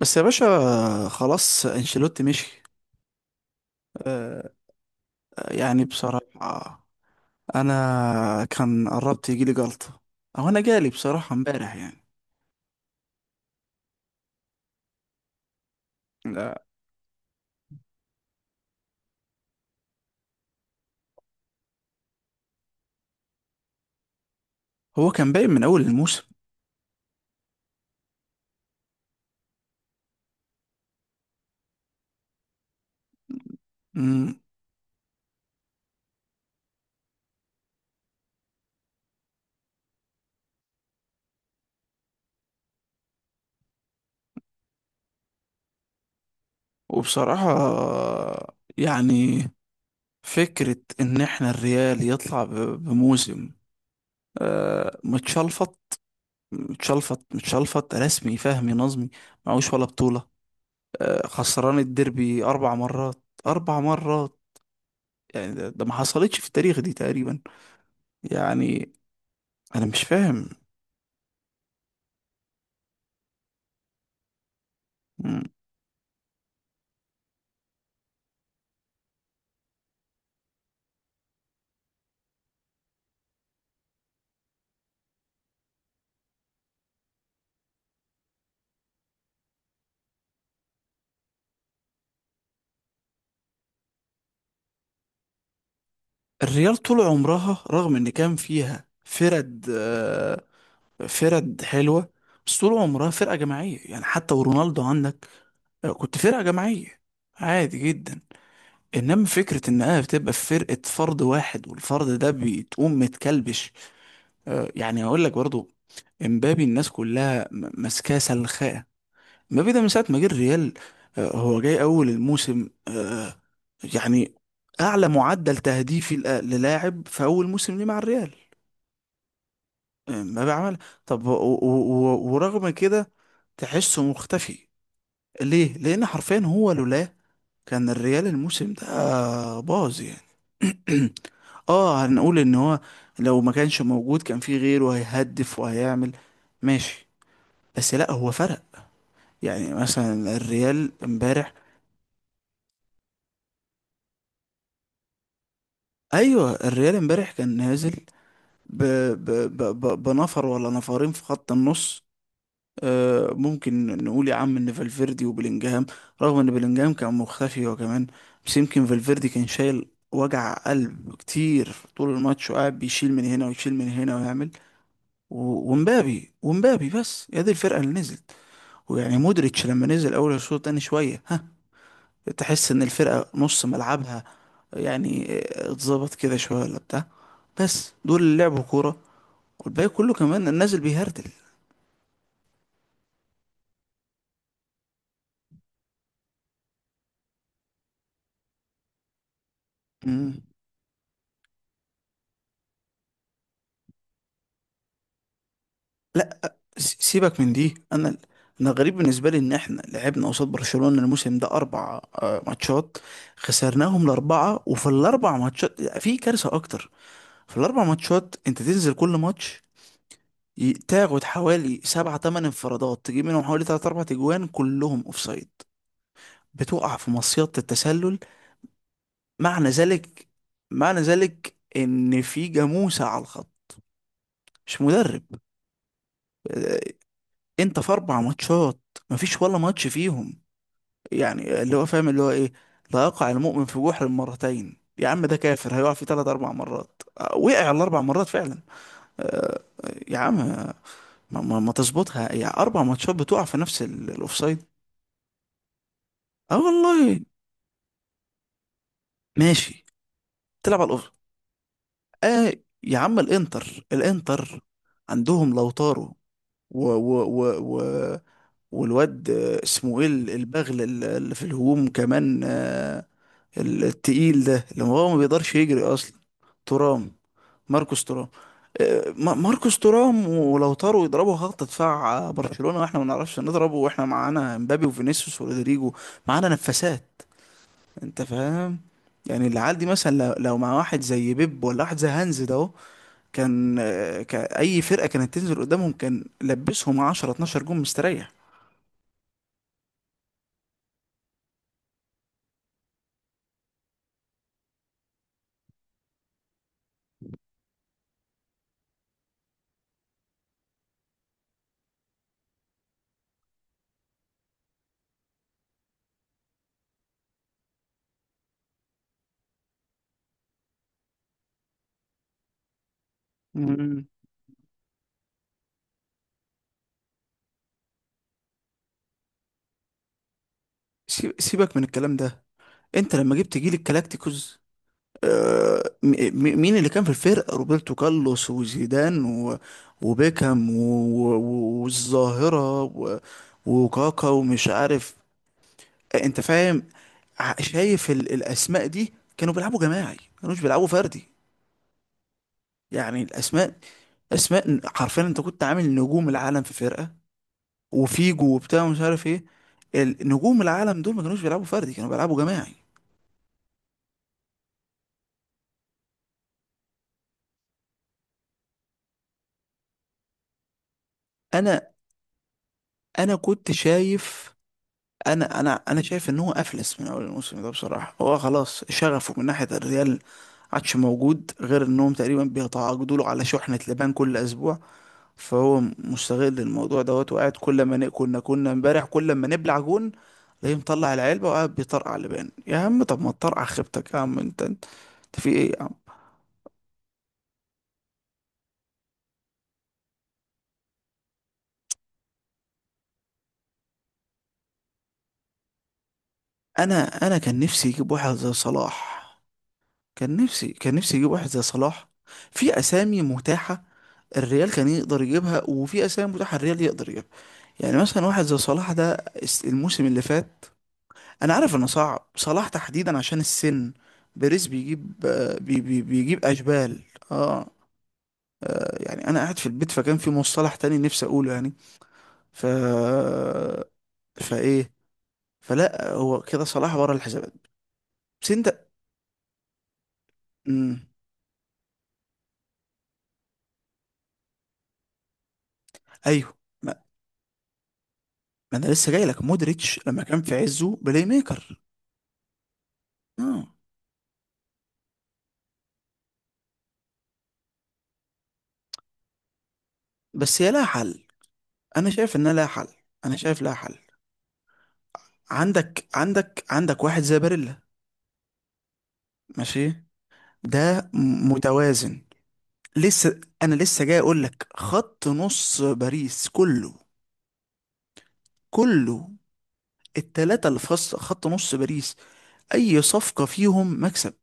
بس يا باشا. خلاص انشيلوتي مشي. آه، يعني بصراحة انا كان قربت يجيلي جلطة، او انا جالي بصراحة امبارح يعني. لا، هو كان باين من اول الموسم. مم. وبصراحة يعني فكرة ان احنا الريال يطلع بموسم متشلفط متشلفط متشلفط رسمي فهمي نظمي، معهوش ولا بطولة. خسران الديربي اربع مرات اربع مرات. يعني ده ما حصلتش في التاريخ دي تقريبا. يعني انا مش فاهم. مم. الريال طول عمرها رغم ان كان فيها فرد فرد حلوة، بس طول عمرها فرقة جماعية يعني. حتى ورونالدو عندك كنت فرقة جماعية عادي جدا. انما فكرة انها بتبقى في فرقة فرد واحد والفرد ده بتقوم متكلبش. يعني اقول لك برضو، امبابي الناس كلها ماسكاه سلخاه، ما بيدا من ساعة ما جه الريال. هو جاي أول الموسم. يعني أعلى معدل تهديفي للاعب في أول موسم ليه مع الريال. ما بيعمل. طب ورغم كده تحسه مختفي. ليه؟ لأن حرفيا هو لولا، كان الريال الموسم ده باظ يعني. اه هنقول ان هو لو ما كانش موجود كان في غيره هيهدف وهيعمل. ماشي، بس لا هو فرق. يعني مثلا الريال امبارح. ايوه، الريال امبارح كان نازل ب... ب... بنفر ولا نفرين في خط النص. ممكن نقول يا عم ان فالفيردي وبلينجهام، رغم ان بلينجهام كان مختفي هو كمان، بس يمكن فالفيردي كان شايل وجع قلب كتير طول الماتش وقاعد بيشيل من هنا ويشيل من هنا ويعمل، ومبابي. بس هي دي الفرقة اللي نزلت. ويعني مودريتش لما نزل اول الشوط تاني شوية ها، تحس ان الفرقة نص ملعبها. يعني اتظبط كده شوية ولا بتاع. بس دول اللي لعبوا كورة، والباقي كله كمان النازل بيهردل. مم. لا، سيبك من دي. انا انا غريب بالنسبة لي ان احنا لعبنا قصاد برشلونة الموسم ده اربع ماتشات، خسرناهم الاربعة. وفي الاربع ماتشات في كارثة اكتر. في الاربع ماتشات انت تنزل كل ماتش، تاخد حوالي سبعة تمن انفرادات، تجيب منهم حوالي تلات أربع تجوان كلهم اوفسايد، بتقع في مصيدة التسلل. معنى ذلك، معنى ذلك ان في جاموسة على الخط، مش مدرب. انت في اربع ماتشات مفيش ولا ماتش فيهم يعني اللي هو فاهم اللي هو ايه. لا يقع المؤمن في جحر مرتين. يا عم ده كافر هيقع فيه ثلاث اربع مرات. وقع الاربع مرات فعلا. يا عم ما تظبطها يعني اربع ماتشات بتقع في نفس الاوفسايد. اه والله. ماشي. تلعب على الاوفسايد. اه يا عم، الانتر الانتر عندهم لو طاروا، و و و والواد اسمه ايه، البغل اللي في الهجوم كمان، التقيل ده اللي هو ما بيقدرش يجري اصلا. ترام. ماركوس ترام. ماركوس ترام، ولو طاروا يضربوا خط دفاع برشلونة، واحنا ما نعرفش نضربه واحنا معانا مبابي وفينيسيوس ورودريجو. معانا نفسات. انت فاهم. يعني العيال دي مثلا لو مع واحد زي بيب ولا واحد زي هانز ده اهو، كان اي فرقة كانت تنزل قدامهم كان لبسهم 10 12 جون مستريح. سيبك من الكلام ده. انت لما جبت جيل الكلاكتيكوز مين اللي كان في الفرقة؟ روبرتو كارلوس، وزيدان، وبيكهام، والظاهرة، وكاكا، ومش عارف. انت فاهم. شايف الاسماء دي كانوا بيلعبوا جماعي، ما كانوش بيلعبوا فردي. يعني الاسماء، اسماء حرفيا، انت كنت عامل نجوم العالم في فرقة، وفيجو وبتاع ومش عارف ايه. نجوم العالم دول ما كانوش بيلعبوا فردي، كانوا بيلعبوا جماعي. انا انا كنت شايف. انا انا شايف ان هو افلس من اول الموسم ده بصراحه. هو خلاص شغفه من ناحيه الريال عادش موجود، غير انهم تقريبا بيتعاقدوا له على شحنه لبان كل اسبوع. فهو مستغل الموضوع دوت، وقاعد كل ما كنا امبارح كل ما نبلع جون تلاقيه مطلع العلبه وقاعد بيطرقع لبان. يا عم طب ما تطرقع خيبتك يا عم، انت في ايه يا عم؟ انا كان نفسي يجيب واحد زي صلاح. كان نفسي يجيب واحد زي صلاح. في اسامي متاحه الريال كان يقدر يجيبها، وفي اسامي متاحه الريال يقدر يجيبها. يعني مثلا واحد زي صلاح ده الموسم اللي فات. انا عارف انه صعب صلاح تحديدا عشان السن. بيريز بيجيب بي بي بيجيب اشبال. اه، يعني انا قاعد في البيت، فكان في مصطلح تاني نفسي اقوله يعني. ف فايه، فلا هو كده صلاح بره الحسابات. بس انت، امم، ايوه، ما ما انا لسه جاي لك مودريتش لما كان في عزه بلاي ميكر. آه. بس هي لها حل. انا شايف انها لها حل. انا شايف لها حل. عندك واحد زي باريلا. ماشي، ده متوازن. لسه انا لسه جاي اقول لك، خط نص باريس كله، كله، التلاتة اللي في خط نص باريس، اي صفقة فيهم مكسب.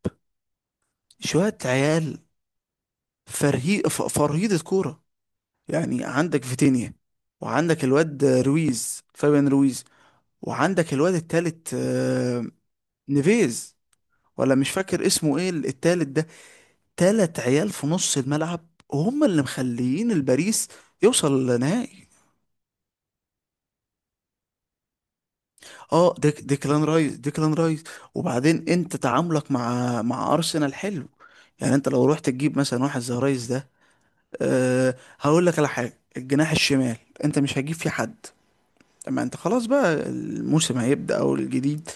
شوية عيال فرهيدة كورة. يعني عندك فيتينيا، وعندك الواد رويز، فابيان رويز. وعندك الواد التالت نيفيز، ولا مش فاكر اسمه ايه التالت ده. تلات عيال في نص الملعب، وهم اللي مخليين الباريس يوصل لنهائي. اه، ديكلان رايس، ديكلان رايس. وبعدين انت تعاملك مع ارسنال حلو. يعني انت لو رحت تجيب مثلا واحد زي رايس ده. هقول لك على حاجه. الجناح الشمال انت مش هتجيب فيه حد. اما انت خلاص بقى الموسم هيبدأ او الجديد.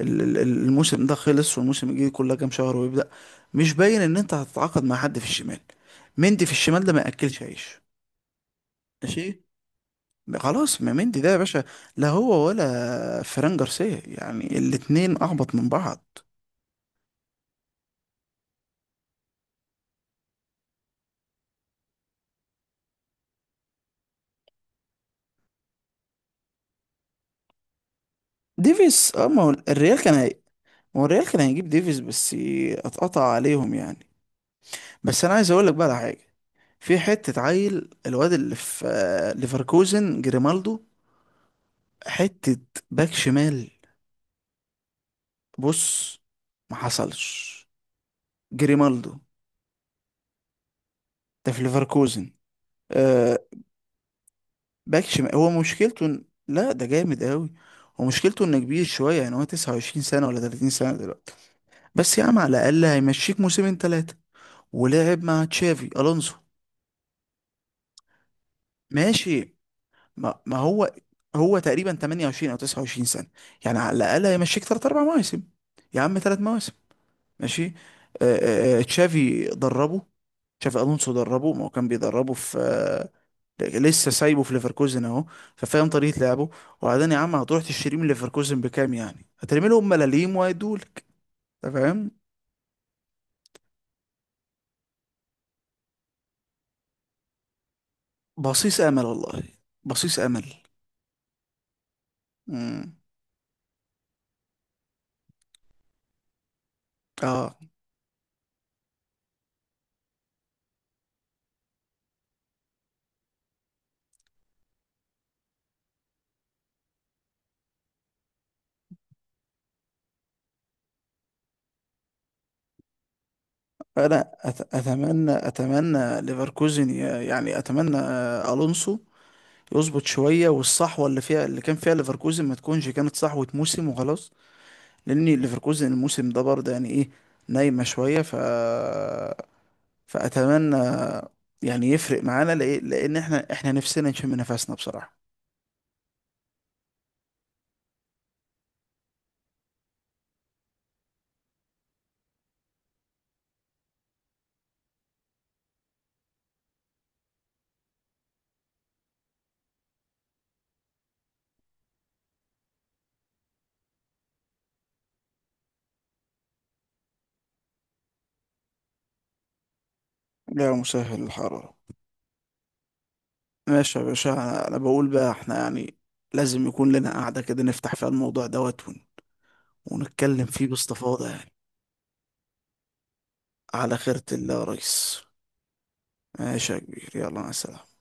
الموسم ده خلص، والموسم الجديد كلها كام شهر ويبدأ. مش باين ان انت هتتعاقد مع حد في الشمال. مندي في الشمال ده ما ياكلش عيش. ماشي. خلاص، ما مندي ده يا باشا. لا هو ولا فران جارسيا، يعني الاتنين اهبط من بعض. ديفيس. اه، ما هو الريال كان ما هو الريال كان هيجيب ديفيس بس، اتقطع عليهم يعني. بس انا عايز اقول لك بقى على حاجه. في حته عيل الواد اللي في ليفركوزن، جريمالدو. حته باك شمال. بص، ما حصلش. جريمالدو ده في ليفركوزن. آه، باك شمال. هو مشكلته لا، ده جامد قوي. هو مشكلته انه كبير شويه، يعني هو 29 سنه ولا 30 سنه دلوقتي. بس يا عم على الاقل هيمشيك موسمين ثلاثه، ولعب مع تشافي الونسو. ماشي. ما هو، هو تقريبا 28 او 29 سنه، يعني على الاقل هيمشيك ثلاث اربع مواسم. يا عم 3 مواسم. ماشي. آه تشافي دربه. تشافي الونسو دربه، ما هو كان بيدربه في لسه سايبه في ليفركوزن اهو. ففاهم طريقه لعبه. وبعدين يا عم هتروح تشتريه من ليفركوزن بكام؟ يعني هترمي لهم ملاليم وهيدولك. أنت فاهم. بصيص امل والله. بصيص امل. امم. اه، انا اتمنى ليفركوزن، يعني اتمنى الونسو يظبط شويه، والصحوه اللي فيها، اللي كان فيها ليفركوزن، ما تكونش كانت صحوه موسم وخلاص. لان ليفركوزن الموسم ده برضه يعني ايه، نايمه شويه. فأتمنى يعني يفرق معانا لإيه؟ لأن احنا نفسنا نشم نفسنا بصراحة. لا، مسهل الحرارة. ماشي يا باشا، أنا بقول بقى احنا يعني لازم يكون لنا قعدة كده نفتح فيها الموضوع دوت ونتكلم فيه باستفاضة يعني. على خيرة الله يا ريس. ماشي يا كبير، يلا مع السلامة.